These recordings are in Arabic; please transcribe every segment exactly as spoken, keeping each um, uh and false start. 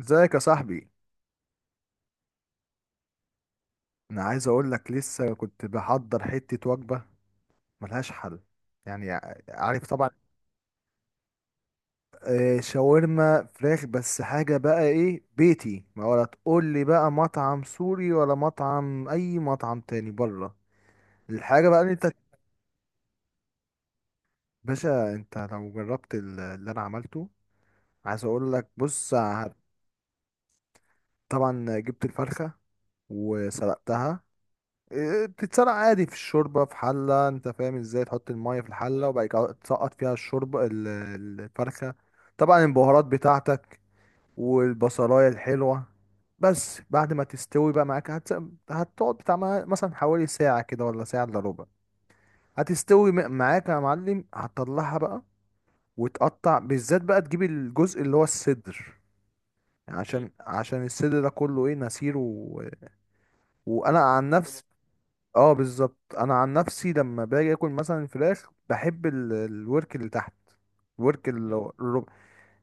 ازيك يا صاحبي؟ انا عايز اقول لك، لسه كنت بحضر حتة وجبة ملهاش حل. يعني، ع- عارف طبعا. آه، شاورما فراخ. بس حاجة بقى ايه؟ بيتي. ما ولا تقول لي بقى مطعم سوري ولا مطعم اي مطعم تاني بره. الحاجة بقى اللي انت، باشا انت لو جربت ال- اللي انا عملته. عايز اقول لك بص ع- طبعا جبت الفرخة وسلقتها. إيه، بتتسرق عادي في الشوربة في حلة. انت فاهم ازاي؟ تحط المية في الحلة وبعد كده تسقط فيها الشوربة ال- الفرخة. طبعا البهارات بتاعتك، والبصلاية الحلوة. بس بعد ما تستوي بقى معاك هتس... هتقعد بتاع ما- مثلا حوالي ساعة كده ولا ساعة الا ربع. هتستوي م- معاك يا معلم. هتطلعها بقى، وتقطع بالذات بقى، تجيب الجزء اللي هو الصدر. يعني مم. عشان عشان الصدر ده كله ايه، نسير و... وانا عن نفسي. اه بالظبط، انا عن نفسي لما باجي اكل مثلا فراخ بحب ال- الورك اللي تحت، الورك اللي هو الربع.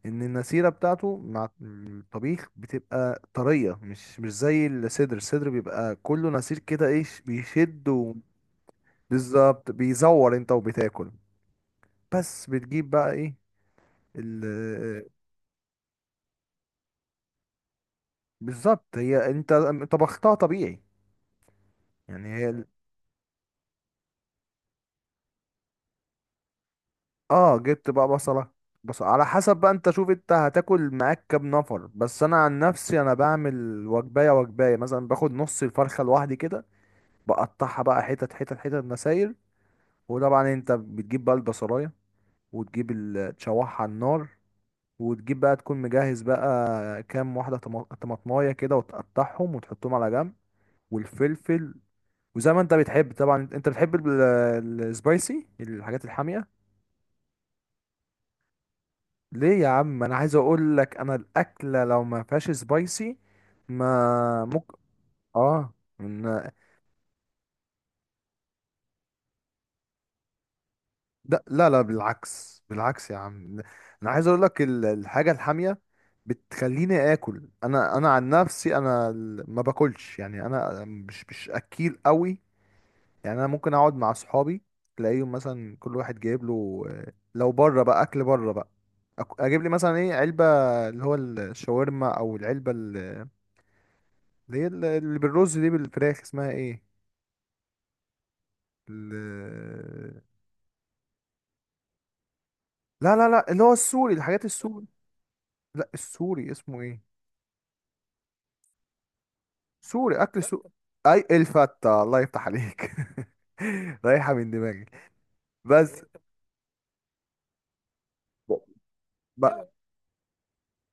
ان النسيره بتاعته مع الطبيخ بتبقى طريه، مش مش زي الصدر. الصدر بيبقى كله نسير كده، ايه، ش- بيشد و- بالظبط، بيزور انت وبتاكل. بس بتجيب بقى ايه، ال بالظبط. هي انت طبختها طبيعي، يعني هي. اه جبت بقى بصلة، بس على حسب بقى، انت شوف انت هتاكل معاك كام نفر. بس انا عن نفسي، انا بعمل وجباية وجباية مثلا، باخد نص الفرخة لوحدي كده. بقطعها بقى حتت حتت حتت مسايل. وطبعا انت بتجيب بقى البصلاية، وتجيب ال- تشوحها على النار. وتجيب بقى، تكون مجهز بقى كام واحدة طما- طماطماية كده، وتقطعهم وتحطهم على جنب، والفلفل. وزي ما انت بتحب، طبعا انت بتحب السبايسي، الحاجات الحامية. ليه يا عم؟ انا عايز اقول لك انا الاكله لو ما فيهاش سبايسي ما ممكن. اه. إن... ده... لا لا، بالعكس بالعكس يا عم. انا عايز اقول لك ال- الحاجه الحاميه بتخليني اكل. انا انا عن نفسي، انا ال- ما باكلش، يعني انا مش مش اكيل قوي. يعني انا ممكن اقعد مع اصحابي، تلاقيهم مثلا كل واحد جايب له، آه، لو بره بقى اكل بره بقى. أك- اجيب لي مثلا ايه، علبه اللي هو الشاورما، او العلبه اللي هي ال- اللي بالرز دي، بالفراخ، اسمها ايه، ال... لا لا لا، اللي هو السوري، الحاجات السوري. لا، السوري اسمه ايه؟ سوري، اكل سوري. اي الفتة، الله يفتح عليك رايحة من دماغي. بس ب...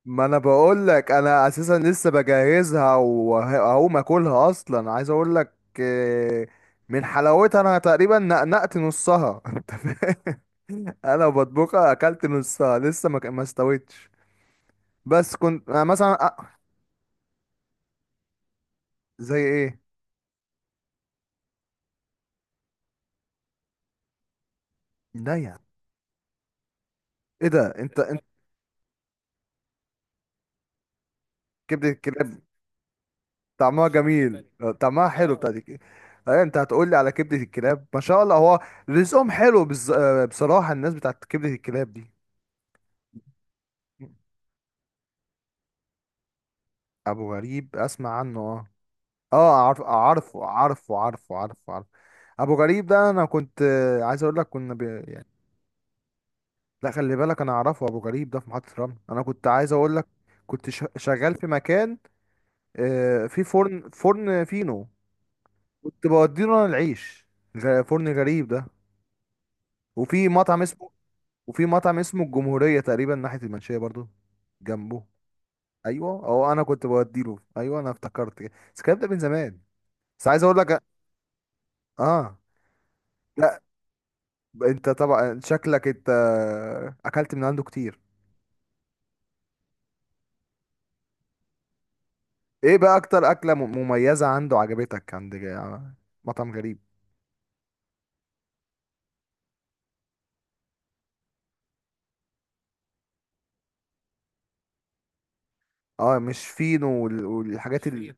ما انا بقول لك انا اساسا لسه بجهزها، وهقوم اكلها اصلا. عايز اقول لك، آه، من حلاوتها انا تقريبا نقنقت نصها انت فاهم؟ انا بطبخها، اكلت نصها لسه ما ك- ما استويتش. بس كنت أنا مثلا. زي ايه؟ لا يا عم. ايه ده؟ انت انت كبدة الكلاب. طعمها جميل، طعمها حلو بتاع دي. ايه، انت هتقول لي على كبدة الكلاب؟ ما شاء الله، هو رزقهم حلو. بز... آه، بصراحة الناس بتاعت كبدة الكلاب دي. ابو غريب، اسمع عنه اه. اه عارف، عارفه عارفه عارفه عارفه عارفه. ابو غريب ده انا كنت، آه، عايز اقول لك كنا بي... يعني. لا، خلي بالك انا اعرفه، ابو غريب ده في محطة رمل. انا كنت عايز اقول لك كنت ش... شغال في مكان، آه، في فرن فرن فينو. كنت بوديله انا العيش، غ- فرن غريب ده. وفي مطعم اسمه وفي مطعم اسمه الجمهورية تقريبا ناحية المنشية، برضو جنبه. ايوه، اه انا كنت بوديله، ايوه انا افتكرت كده. بس الكلام ده من زمان. بس عايز اقول لك، اه، لا انت طبعا شكلك انت اكلت من عنده كتير. ايه بقى اكتر اكلة م- مميزة عنده عجبتك عند، جا- مطعم غريب؟ اه، مش فينو وال- والحاجات ال...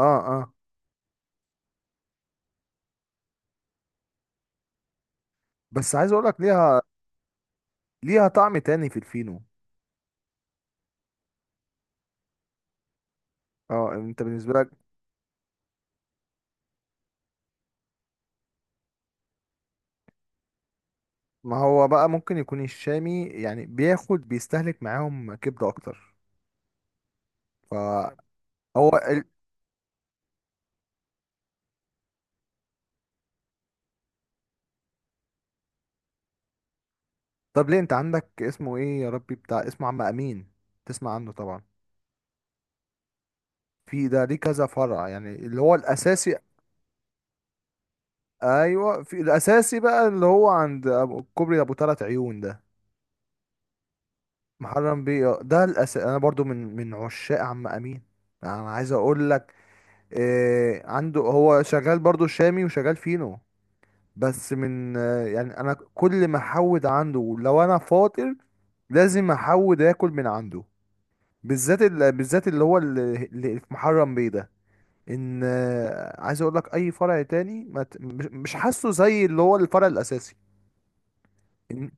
اه اه. بس عايز اقول لك ليها، ليها طعم تاني في الفينو. اه، انت بالنسبة لك، ما هو بقى ممكن يكون الشامي يعني بياخد، بيستهلك معاهم كبدة أكتر. فهو ال... طب ليه، أنت عندك اسمه إيه يا ربي، بتاع اسمه عم أمين، تسمع عنه طبعا. في ده ليه كذا فرع، يعني اللي هو الأساسي. أيوه، في الأساسي بقى اللي هو عند أبو- كوبري أبو تلات عيون ده، محرم بيه، آه، ده الأساسي. أنا برضو من من عشاق عم أمين. أنا عايز أقول لك إيه، عنده هو شغال برضو شامي وشغال فينو. بس من آه، يعني انا كل ما احود عنده لو انا فاطر لازم احود اكل من عنده. بالذات ال... بالذات اللي هو اللي اللي في محرم بيه ده. ان آه، عايز اقول لك اي فرع تاني ما ت... مش مش حاسه زي اللي هو الفرع الاساسي. إن-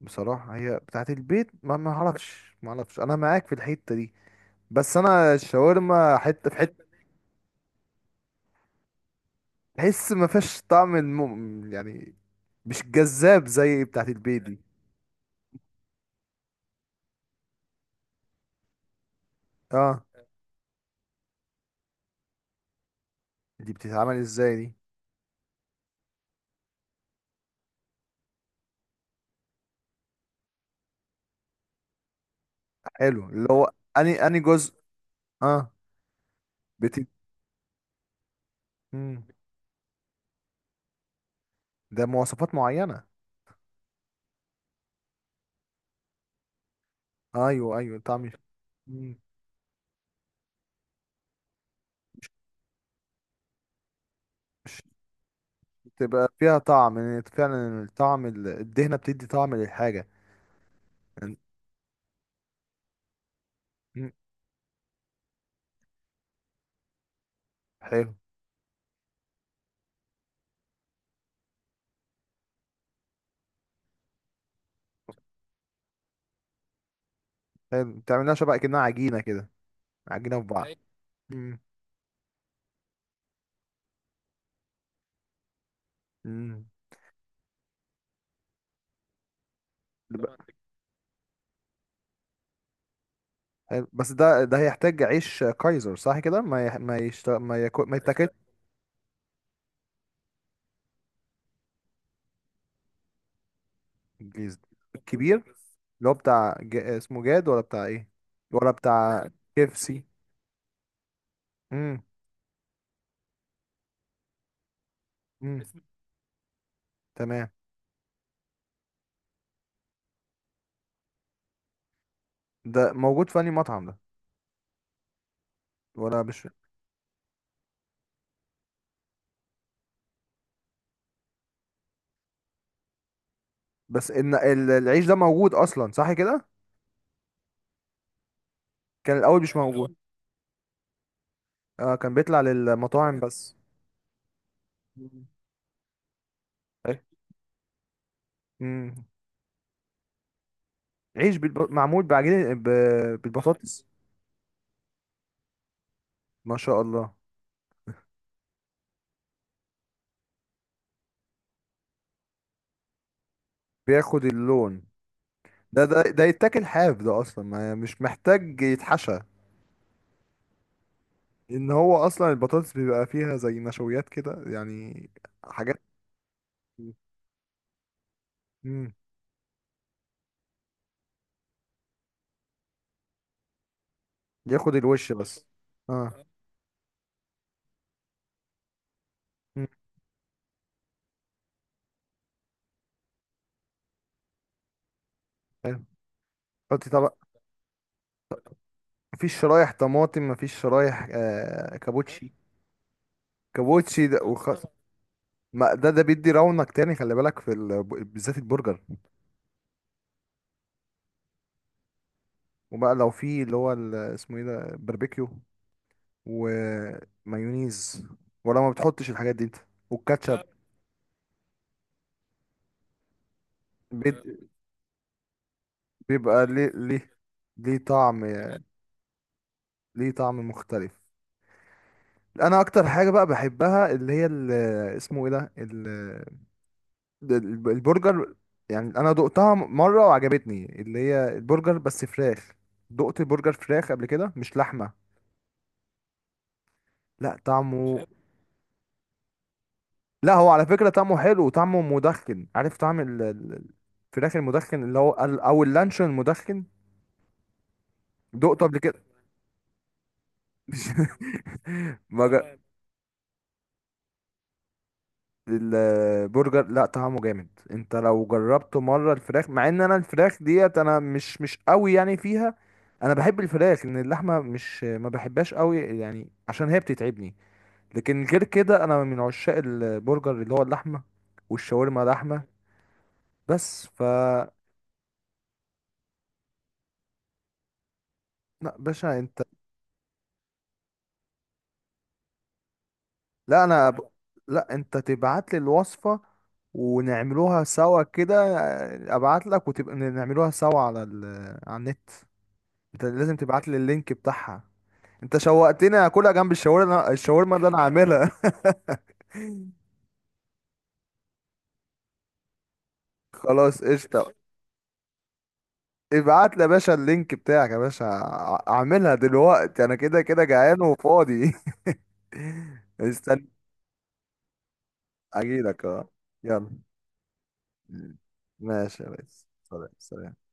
بصراحة هي بتاعت البيت، ما ما اعرفش ما اعرفش، انا معاك في الحتة دي. بس انا الشاورما حتة في حتة. تحس ما فيهاش طعم الم... يعني مش جذاب زي بتاعت البيت دي. اه، دي بتتعمل ازاي دي؟ حلو. اللي هو اني اني جزء. اه بت مم. ده مواصفات معينة. ايوه ايوه، طعم يخ- مم. مش مش تبقى فيها طعم. إن فعلا الطعم، ال- الدهنة، بتدي طعم للحاجة. يعني- مم. حلو، حلو بتعملها شبه كأنها عجينة كده، عجينة في بعض، أيوة. مم. مم. ده بقى- تمام. حلو. بس ده ده هيحتاج عيش كايزر صح كده، ما يح... ما يشت... ما يكو... ما يتاكل. جيز- الكبير اللي هو بتاع ج... اسمه جاد، ولا بتاع ايه، ولا بتاع كيف سي. مم. مم. تمام. ده موجود في أنهي مطعم ده؟ ولا مش. بس ان ال- العيش ده موجود اصلا صح كده. كان الاول مش موجود. اه، كان بيطلع للمطاعم بس. مم. ايه؟ امم. عيش بالب... معمول بعجينه ب... بالبطاطس. ما شاء الله، بياخد اللون. ده ده ده يتاكل حاف ده اصلا، ما يعني مش محتاج يتحشى. ان هو اصلا البطاطس بيبقى فيها زي نشويات كده، يعني حاجات. امم. ياخد الوش بس. اه. مم. حلو. حطي طبق. مفيش شرايح طماطم؟ مفيش شرايح، آه، كابوتشي. كابوتشي ده وخ... ما ده ده بيدي رونق تاني، خلي بالك في ال... بالذات البرجر. وبقى لو في اللي هو ال... اسمه ايه ده، باربيكيو ومايونيز، ولا ما بتحطش الحاجات دي انت؟ والكاتشب. بيت... بيبقى ليه ليه ليه طعم، ليه طعم مختلف. انا اكتر حاجه بقى بحبها اللي هي ال... اسمه ايه ده، ده الب- البرجر. يعني انا دقتها م- مره وعجبتني، اللي هي البرجر بس فراخ. دقت برجر فراخ قبل كده مش لحمه. لا، طعمه. لا هو على فكره طعمه حلو، وطعمه مدخن. عارف طعم ال- ال- ال- الفراخ المدخن، اللي هو ال- او اللانشون المدخن. دقته قبل كده مش ما البرجر لا طعمه جامد، انت لو جربته مره الفراخ، مع ان انا الفراخ ديت انا مش مش قوي يعني فيها. انا بحب الفراخ، ان اللحمه مش ما بحبهاش قوي يعني، عشان هي بتتعبني. لكن غير كده انا من عشاق البرجر اللي هو اللحمه، والشاورما لحمه. بس ف لا باشا انت. لا انا ب... لا انت تبعت لي الوصفه، ونعملوها سوا كده. ابعت لك وتبقى نعملوها سوا على ال... على النت. انت لازم تبعت لي اللينك بتاعها. انت شوقتني اكلها جنب الشاورما، الشاورما اللي انا عاملها. خلاص قشطه. ابعت لي يا باشا اللينك بتاعك يا باشا. ع- اعملها دلوقتي، انا كده كده جعان وفاضي. استنى. اجيلك اه. يلا. ماشي يا ريس، سلام سلام.